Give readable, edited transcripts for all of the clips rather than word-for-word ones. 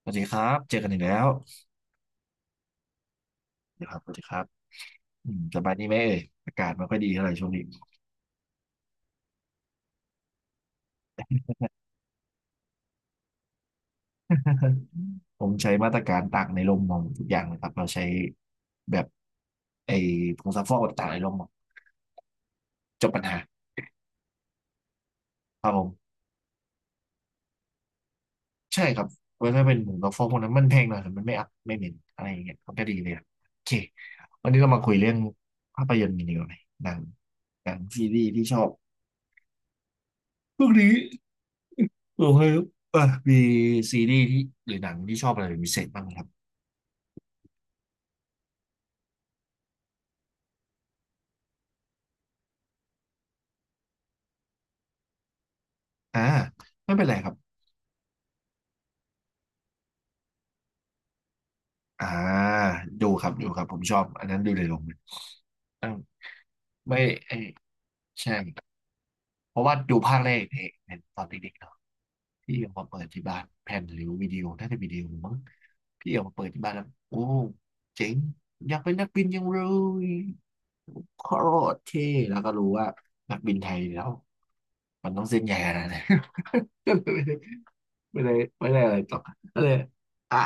สวัสดีครับเจอกันอีกแล้วสวัสดีครับสวัสดีครับสบายดีไหมเอ่ยอากาศไม่ค่อยดีเท่าไหร่ช่วงนี้ ผมใช้มาตรการตากในร่มมองทุกอย่างนะครับเราใช้แบบไอ้ผงซักฟอกตากในร่มมองจบปัญหาครับผมใช่ครับเพราะถ้าเป็นผงซักฟอกพวกนั้นมันแพงหน่อยแต่มันไม่อัพไม่เหม็นอะไรอย่างเงี้ยมันก็ดีเลยอะโอเควันนี้เรามาคุยเรื่องภาพยนตร์กันดีกว่าไหมหนังหนังซีรีส์ที่ชอบพวกนี้ โอเคครับเอ่ะมีซีรีส์ที่หรือหนังที่ชอบอะไรเป็นพิเศษบ้างไหมครับ อ่าไม่เป็นไรครับอ่าดูครับดูครับผมชอบอันนั้นดูในโรงเลยอ่าไม่เอยใช่เพราะว่าดูภาคแรกเองเป็นตอนเด็กๆเนาะพี่เอามาเปิดที่บ้านแผ่นหรือวิดีโอน่าจะวิดีโอมั้งพี่เอามาเปิดที่บ้านแล้วโอ้เจ๋งอยากเป็นนักบินยังเลยโคตรเท่แล้วก็รู้ว่านักบินไทยแล้วมันต้องเส้นใหญ่ขนาดไหน ก็เลยไม่ได้ไม่ได้อะไรต่อก็เลยอ่ะ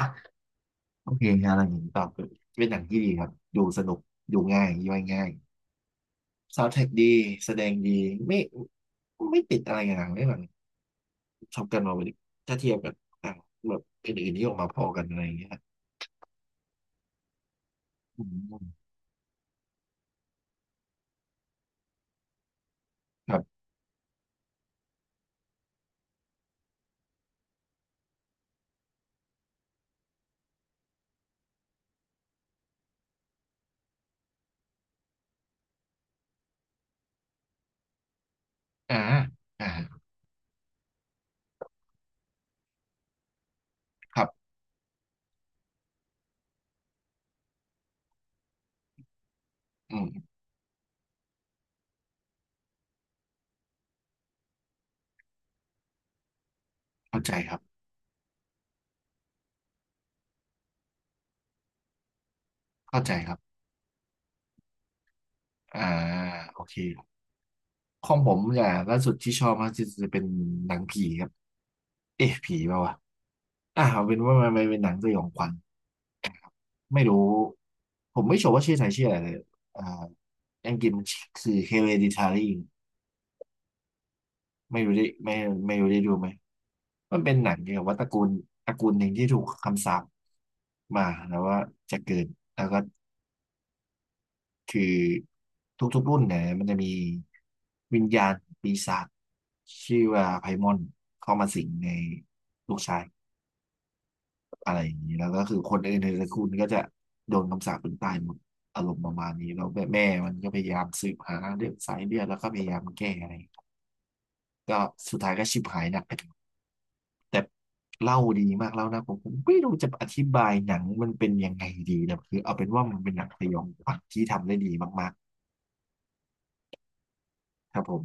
โอเคครับอย่างนี้ตอบคือเป็นหนังที่ดีครับดูสนุกดูง่ายย่อยง่ายซาวด์แทร็กดีแสดงดีไม่ไม่ติดอะไรอย่างไม่แบบชอบกันมาวันนี้ถ้าเทียบกับหนังแบบอื่นๆที่ออกมาพอกันอะไรอย่างเงี้ยอืมครับอ่าอ่าครับอืมเข้าใจครับเข้าใจครับอ่าโอเคของผมอย่างล่าสุดที่ชอบมากที่สุดจะเป็นหนังผีครับเอ๊ะผีเปล่าวะเอาเป็นว่ามันเป็นหนังสยองขวัญ ไม่รู้ผมไม่ชัวร์ว่าชื่อไทยชื่ออะไรเลยอ่าอังกฤษมันคือ Hereditary ไม่รู้ได้ไม่ไม่รู้ได้ดูไหมมันเป็นหนังเกี่ยวกับว่าตระกูลหนึ่งที่ถูกคำสาปมาแล้วว่าจะเกิดแล้วก็คือทุกๆรุ่นเนี่ยมันจะมีวิญญาณปีศาจชื่อว่าไพมอนเข้ามาสิงในลูกชาย อะไรอย่างนี้แล้วก็คือคนอื่นในตระกูลก็จะโดนคำสาปเป็นตายหมดอารมณ์ประมาณนี้แล้วแม่แมมันก็พยายามสืบหาเรื่องสายเลือดแล้วก็พยายามแก้อะไรก็สุดท้ายก็ชิบหายหนักไปทั้งหมดแต่เล่าดีมากเล่านะผมไม่รู้จะอธิบายหนังมันเป็นยังไงดีนะคือเอาเป็นว่ามันเป็นหนังสยองขวัญที่ทำได้ดีมากๆครับผม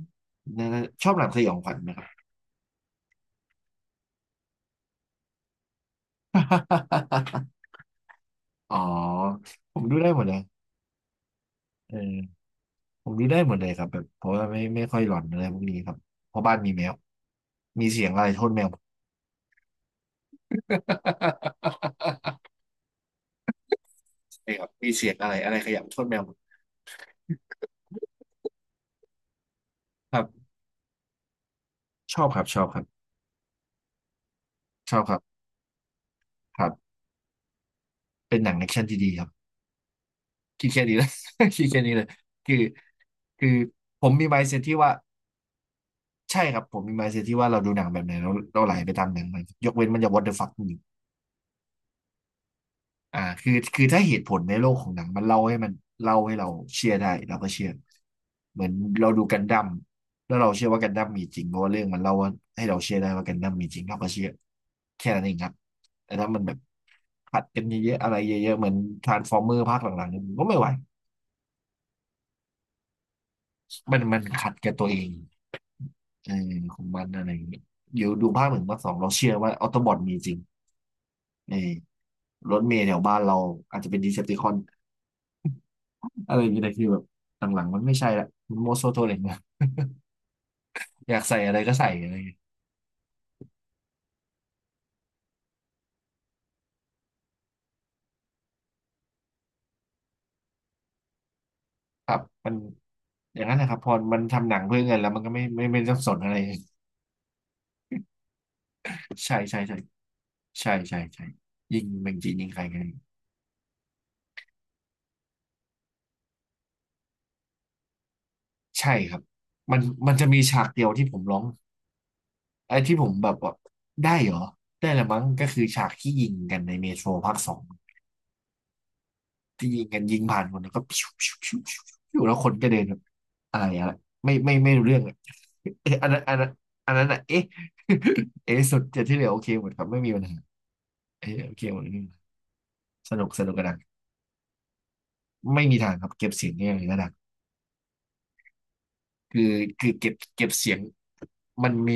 น่าชอบหนังสยองขวัญไหมครับ อ๋อผมดูได้หมดเลยเออ ผมนี่ได้หมดเลยครับแบบเพราะว่าไม่ค่อยหลอนอะไรพวกนี้ครับเพราะบ้านมีแมวมีเสียงอะไรโทษแมวหมด ใช่ครับมีเสียงอะไรอะไรขยับโทษแมวหมดครับชอบครับชอบครับชอบครับครับเป็นหนังแอคชั่นที่ดีครับคิดแค่นี้เละ คิดแค่นี้เลยคือคือผมมี mindset ที่ว่าใช่ครับผมมี mindset ที่ว่าเราดูหนังแบบไหนเราไหลไปตามหนังมันยกเว้นมันจะ what the fuck จริง คือถ้าเหตุผลในโลกของหนังมันเล่าให้มันเล่าให้เราเชื่อได้เราก็เชื่อเหมือนเราดูกันดั้มแล้วเราเชื่อว่ากันดั้มมีจริงเพราะว่าเรื่องมันเล่าว่าให้เราเชื่อได้ว่ากันดั้มมีจริงเราก็เชื่อแค่นั้นเองครับแต่ถ้ามันแบบขัดกันเยอะๆอะไรเยอะๆเหมือนทรานส์ฟอร์เมอร์ภาคหลังๆเนี่ยผมก็ไม่ไหวมันขัดกับตัวเองเออของมันอะไรอย่างเงี้ยเดี๋ยวดูภาคหนึ่งภาคสองเราเชื่อว่าออโตบอทมีจริงเออรถเมล์แถวบ้านเราอาจจะเป็นดีเซปติคอน อะไรอย่างเงี้ยแต่คือแบบหลังๆมันไม่ใช่ละมันโมโซโทเลกนะ อยากใส่อะไรก็ใส่อะไรอย่างเงี้ยครับมันอย่างนั้นนะครับพอมันทำหนังเพื่อเงินแล้วมันก็ไม่ต้องสนอะไร ใช่ใช่ใช่ใช่ใช่ใช่ยิงเมงจีนยิงใครกันใช่ครับมันมันจะมีฉากเดียวที่ผมร้องไอ้ที่ผมแบบว่าได้เหรอได้ละมั้งก็คือฉากที่ยิงกันในเมโทรภาคสอง ที่ยิงกันยิงผ่านคนแล้วก็พิวพิวพิวพิวพิวแล้วคนก็เดินแบบอะไรอะไรไม่รู้เรื่องอะ เอะอันนั้นอันนั้นอ่ะเอ๊ะ เอ๊ะสุดแต่ที่เหลือโอเคหมดครับไม่มีปัญหาเอ๊ะโอเคหมดไม่มีปัญหาสนุกสนุกกระดังไม่มีทางครับเก็บเสียงเนี่ยกระดังคือคือเก็บเสียงมันมี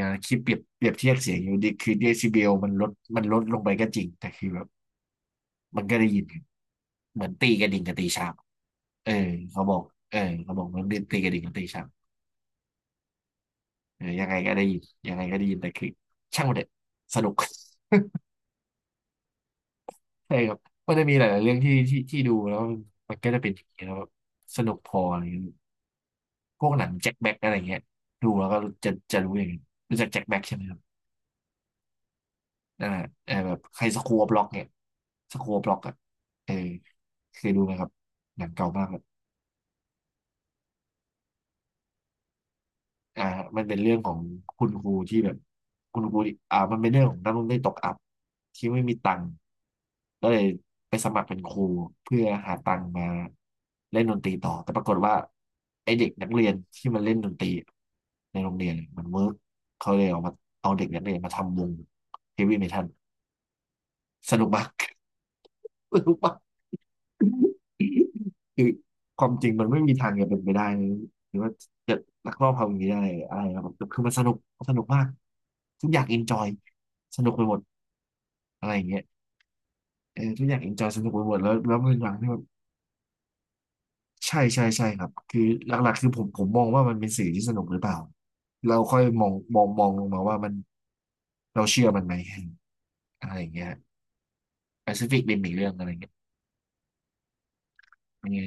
คิดเปรียบเทียบเสียงอยู่ดีคือเดซิเบลมันลดลงไปก็จริงแต่คือแบบมันก็ได้ยินเหมือนตีกระดิ่งกับตีชาบเออเขาบอกเออเขาบอกมันเป็นตีกระดิ่งกับตีชาบ เออยังไงก็ได้ยินยังไงก็ได้ยิน แต่คือช่างมันเถอะสนุก ใช่ครับมันจะมีหลายๆเรื่องที่ดูแล้วมันก็จะเป็นอย่างนี้ยแล้วแบบสนุกพออะไรเงี้ยพวกหนังแจ็คแบ็กอะไรเงี้ยดูแล้วก็จะรู้อย่างนี้ยรู้จักแจ็คแบ็กใช่ไหมครับอ่าเออแบบใครสครัวบล็อกเนี่ยสครัวบล็อกอ่ะเออเคยดูไหมครับหนังเก่ามากเลย อ่าครับมันเป็นเรื่องของคุณครูที่แบบคุณครูที่มันเป็นเรื่องของนักเรียนตกอับที่ไม่มีตังค์ก็เลยไปสมัครเป็นครูเพื่อหาตังค์มาเล่นดนตรีต่อแต่ปรากฏว่าไอเด็กนักเรียนที่มันเล่นดนตรีในโรงเรียนมันเวิร์กเขาเลยเอามาเอาเด็กนักเรียนมาทำวงเฮฟวี่เมทัลสนุกมาก สนุกมาก คือความจริงมันไม่มีทางจะเป็นไปได้เลยหรือว่าจะลักลอบทำอย่างนี้ได้อะไรนะครับแต่คือมันสนุกมันสนุกมากทุกอย่างเอนจอยสนุกไปหมดอะไรอย่างเงี้ยเออทุกอย่างเอนจอยสนุกไปหมดแล้วมันหลังที่แบบใช่ใช่ใช่ครับคือหลักๆคือผมมองว่ามันเป็นสื่อที่สนุกหรือเปล่าเราค่อยมองลงมาว่ามันเราเชื่อมันไหมอะไรอย่างเงี้ย Pacific Rim อีกเรื่องอะไรเงี้ยเป็นไง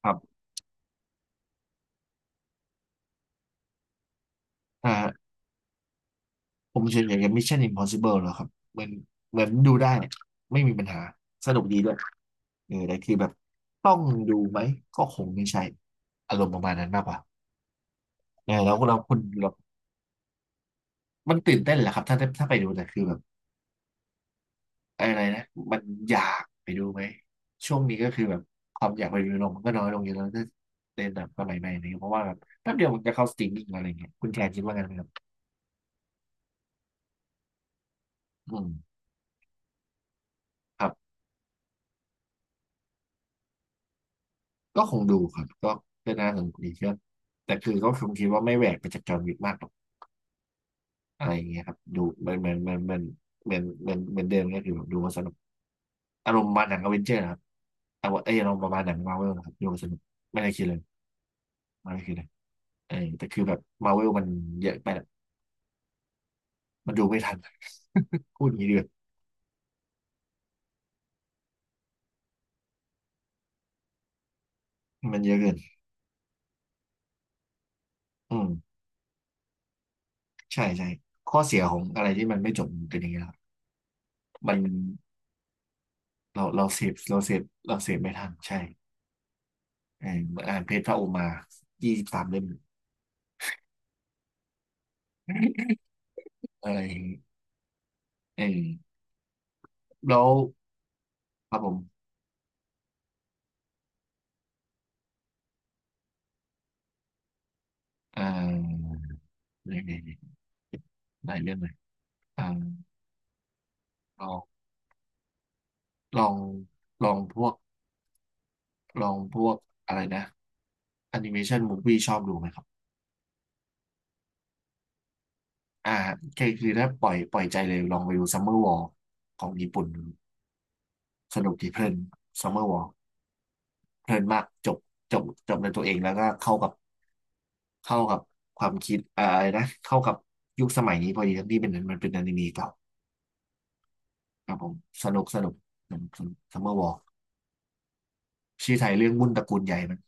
ครับอ่า ผมเฉยๆกับ Mission Impossible แล้วครับเหมือนเหมือนดูได้ไม่มีปัญหาสนุกดีด้วยเออแต่คือแบบต้องดูไหมก็คงไม่ใช่อารมณ์ประมาณนั้นมากกว่าเออแล้วเราคุณเรามันตื่นเต้นแหละครับถ้าไปดูแต่คือแบบอะไรนะมันอยากไปดูไหมช่วงนี้ก็คือแบบความอยากไปดูลงมันก็น้อยลงเยอะแล้วถ้าเล่นแบบสมัยใหม่นี้เพราะว่าแบบแป๊บเดียวมันจะเข้าสตรีมมิ่งอะไรเงี้ยคุณแทนคิดว่าไงไหมครับอืมครับ ก็คงดูครับก็ก็น่าสนุกดีครับแต่คือก็คงคิดว่าไม่แหวกไปจากจอห์นวิกมากหรอกอะไรอย่างเงี้ยครับดูเหมือนเหมือนเหมือนเหมือนเหมือนเหมือนเหมือนเดิมก็คือแบบดูมาสนุกอารมณ์ประมาณหนังอเวนเจอร์ครับแต่ว่าเอออารมณ์ประมาณหนังมาเวลครับดูมาสนุกไม่ได้คิดเลยไม่ได้คิดเลยเออแต่คือแบบมาเวลมันเยอะไปอะมันดูไม่ทันพูดอย่างนี้ดีกว่ามันเยอะเกินอืมใช่ใช่ข้อเสียของอะไรที่มันไม่จบมันเป็นอย่างเงี้ยครับมันเราเราเสพไม่ทันใช่ เออเหมือนอ่านเพจพระโอมา23 เล่มอะไรอย่างงี้เออแล้วครับผมอ่าเนี่ยหลายเรื่องเลยอ่าลองลองลองพวกลองพวกอะไรนะแอนิเมชันมูฟวี่ชอบดูไหมครับอ่าคือถ้าปล่อยใจเลยลองไปดูซัมเมอร์วอลของญี่ปุ่น สนุกดีเพลินซัมเมอร์วอลเพลินมากจบจบในตัวเองแล้วก็เข้ากับความคิดอาอะไรนะเข้ากับยุคสมัยนี้พอดีทั้งที่เป็นมันเป็นอนิเมะเก่า ครับผมสนุกสนุกสนุกซัมเมอร์วอร์ชื่อไทยเรื่องวุ่นตระกูลใหญ่มัน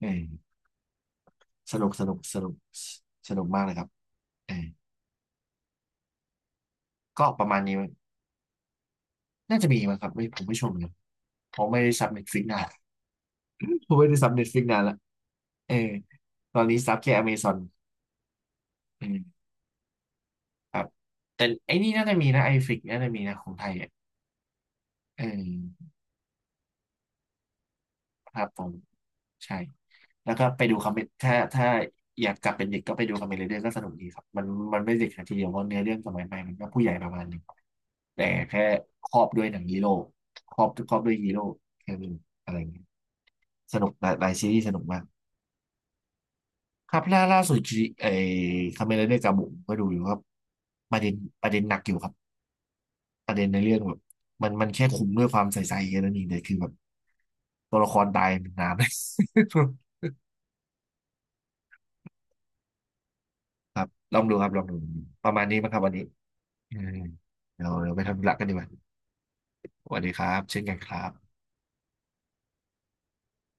เออสนุกสนุกสนุกสนุกมากเลยครับเออก็ประมาณนี้มั้งน่าจะมีมั้งครับไม่ผมไม่ชมเลยเพราะไม่ได้ซับเน็ตฟลิกนาน ผมไม่ได้ซับเน็ตฟลิกนานละเออตอนนี้ซับแค่อเมซอนเออครับแต่ไอ้นี่น่าจะมีนะไอฟิกน่าจะมีนะของไทยอ่ะเออ ครับผมใช่แล้วก็ไปดูคอมเมนถ้าอยากกลับเป็นเด็กก็ไปดูคอมเมนเรื่องก็สนุกดีครับมันมันไม่เด็กขนาดทีเดียวเพราะเนื้อเรื่องสมัยใหม่มันก็ผู้ใหญ่ประมาณหนึงแต่แค่ครอบด้วยหนังฮีโร่ครอบด้วยฮีโร่แค่นี้อะไรอย่างเงี้ยสนุกหลายหลายซีรีส์สนุกมากครับล่าสุดที่ไอ้คอมเมนเรื่องกาบุก็ดูอยู่ครับประเด็นประเด็นหนักอยู่ครับประเด็นในเรื่องแบบมันแค่คุมด้วยความใส่ใจแค่นั้นเองแต่คือแบบตัวละครตายเป็นน้ำ เลย ครับลองดูครับลองดูประมาณนี้มั้งครับวันนี้อืมเดี๋ยวเราไปทำธุระกันดีกว่าสวัสดีครับเช่นกันครับ